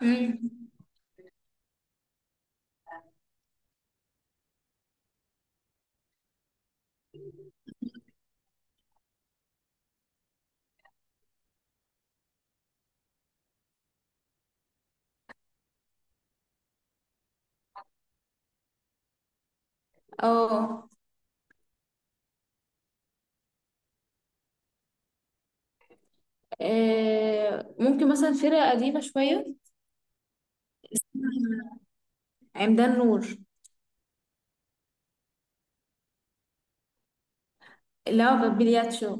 مم. اه. ممكن مثلا فرقة قديمة شوية. عمدان نور. اللي هو بابيلياتشو.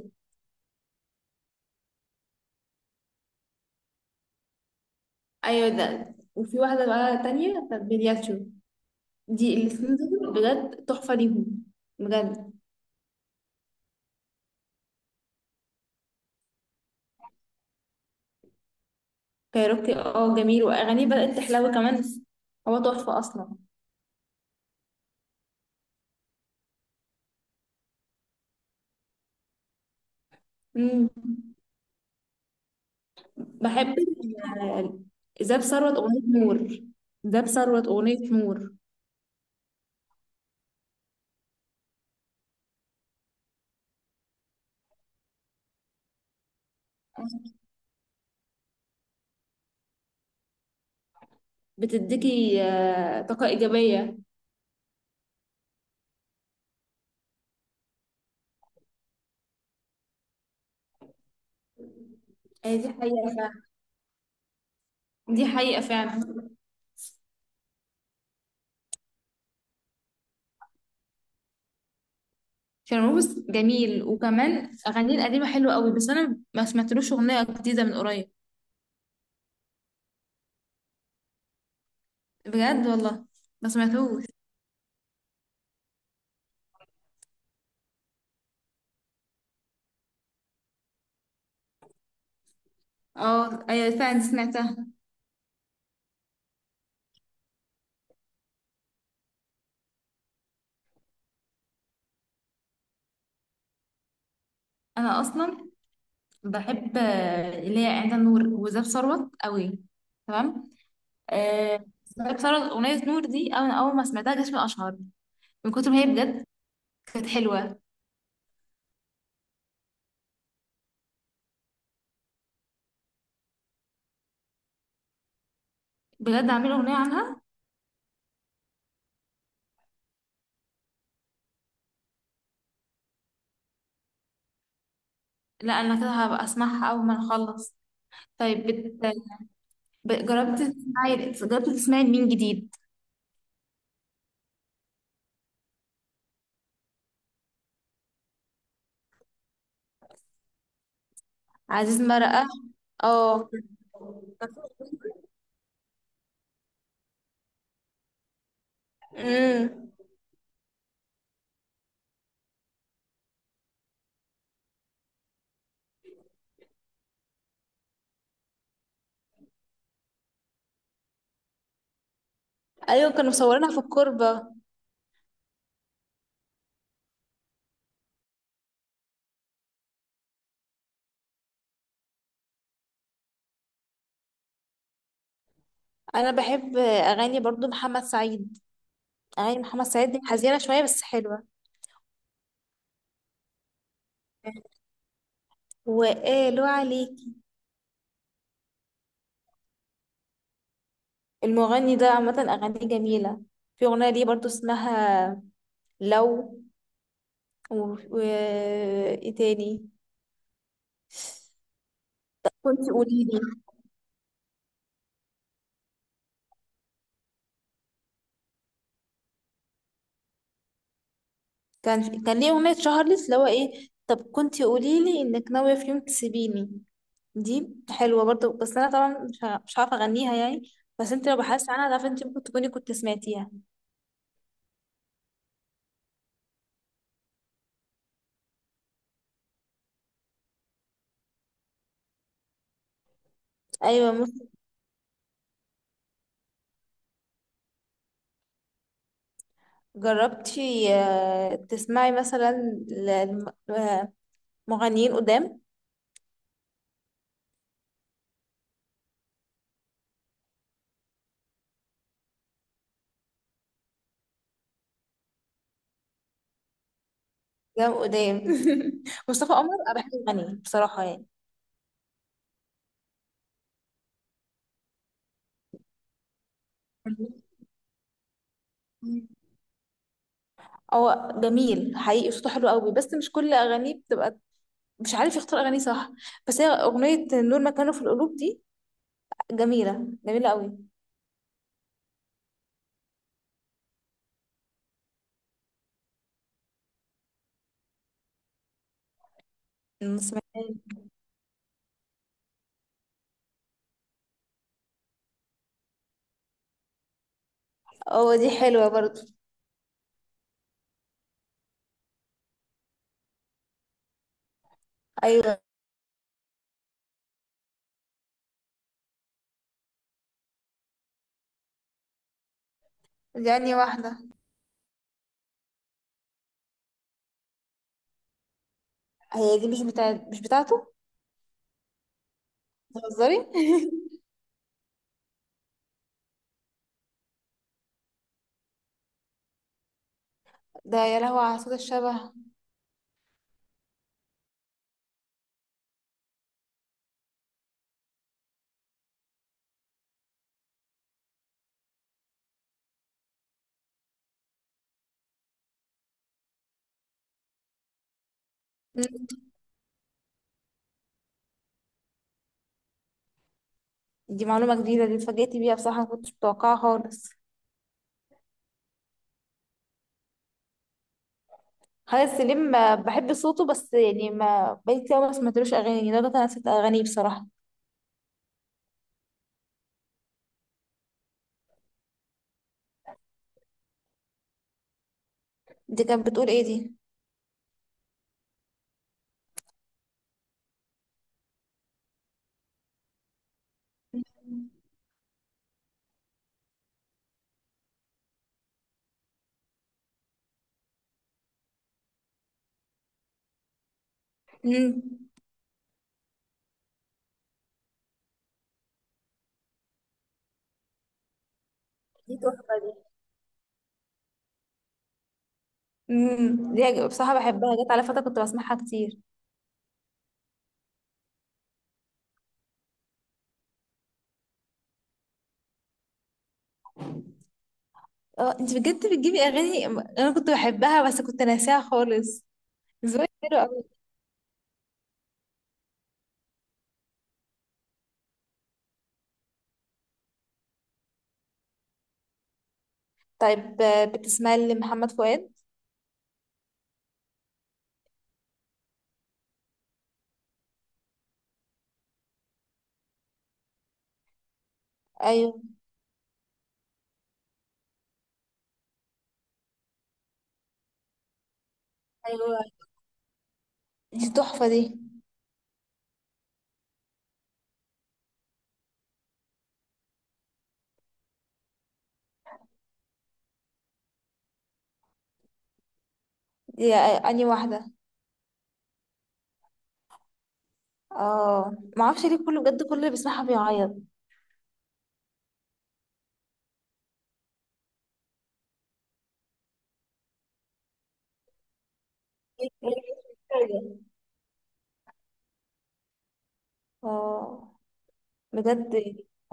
ايوه، ده وفي واحدة بقى تانية بابيلياتشو. دي الاتنين دول بجد تحفة ليهم، بجد. كايروكي، جميل واغانيه بدأت تحلو كمان. هو تحفة اصلا. مم. بحب زاب ثروت اغنية نور. زاب ثروت اغنية نور بتديكي طاقة ايجابية. دي حقيقة فعلا. دي حقيقة فعلا فيروز جميل، وكمان أغانيه القديمة حلوة قوي، بس أنا ما سمعتلوش أغنية جديدة من قريب. بجد والله، ما سمعتهوش. اه، أيوة فعلا سمعتها. أنا أصلا بحب اللي هي عند النور وزاب ثروت قوي. تمام. زاب ثروت أغنية نور دي أنا أول ما سمعتها جسمي أشعر من كتر ما هي، بجد كانت حلوة. بجد عاملة أغنية عنها. لا أنا كده هبقى أسمعها أول ما نخلص. طيب جربت تسمعي، مين جديد؟ عزيز مرقة. اه. امم. ايوه، كانوا مصورينها في الكوربة. انا بحب اغاني برضو محمد سعيد. اغاني محمد سعيد دي حزينة شوية بس حلوة. وقالوا عليكي. المغني ده عامة اغانيه جميلة. في اغنية ليه برضو اسمها لو، و... ايه تاني. كنت قوليلي. كان ليه اغنية شهرلس اللي هو ايه. طب كنت قوليلي انك ناوية في يوم تسيبيني. دي حلوة برضو، بس أنا طبعا مش هعرف أغنيها يعني. بس انت لو بحثت عنها تعرفي انت ممكن تكوني كنت سمعتيها. أيوة ممكن. جربتي تسمعي مثلا ل- لم- مغنيين قدام؟ قدام قدام مصطفى قمر أنا بحب أغانيه بصراحة يعني. هو جميل حقيقي، صوته حلو قوي، بس مش كل أغانيه بتبقى. مش عارف يختار أغانيه صح. بس هي أغنية نور مكانه في القلوب دي جميلة، جميلة قوي. سمعتها. اه دي حلوة برضو. أيوة. دي أنهي واحدة؟ هي دي مش بتاعته. بتهزري. ده يا لهوي على صوت الشبه. مم. دي معلومة جديدة، دي اتفاجئت بيها بصراحة، ما كنتش متوقعها خالص. خالد سليم بحب صوته، بس يعني ما بقيت كتير أوي، ما سمعتلوش أغاني يعني، ده أنا نسيت أغانيه بصراحة. دي كانت بتقول إيه دي؟ مم. دي تحفة دي. مم. بصراحة بحبها، جت على فترة كنت بسمعها كتير. اه، انت بجد بتجيبي أغاني أنا كنت بحبها بس كنت ناساها خالص. ذوقك حلو. طيب بتسمعي لمحمد فؤاد؟ ايوه. ايوه، دي تحفه دي. دي اني واحده. اه، ما اعرفش ليه، كله بجد كل اللي بيسمعها بيعيط. اه، بجد.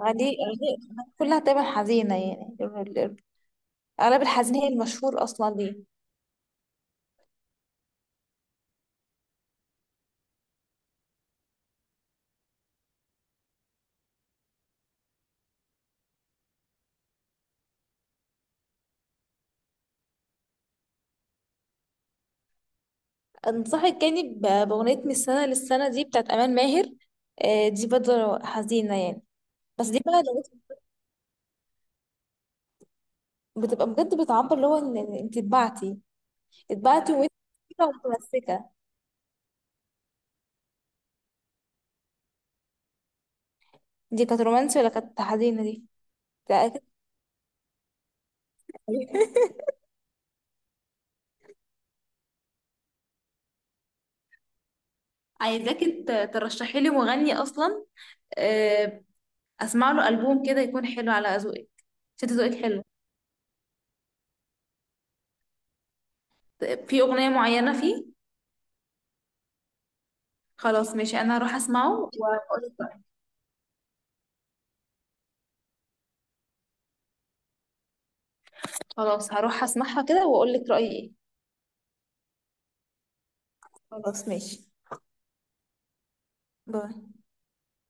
أغانيه كلها تقريبا حزينة يعني. أغلب الحزين هي المشهور أصلا ليه. أنصحك يعني بأغنية من السنة للسنة دي بتاعت أمان ماهر. دي برضه حزينة يعني. بس دي بقى لو بتبقى بجد، بتعبر اللي هو إن أنت اتبعتي، وأنت متمسكة. دي كانت رومانسي ولا كانت حزينة دي؟ لا كانت حزينة. عايزاكي ترشحي لي مغني اصلا، آه، اسمع له البوم كده يكون حلو على ذوقك، عشان ذوقك حلو، في اغنيه معينه فيه. خلاص ماشي، انا هروح اسمعه واقول لك رايي. خلاص هروح اسمعها كده واقول لك رايي ايه. خلاص ماشي، باي.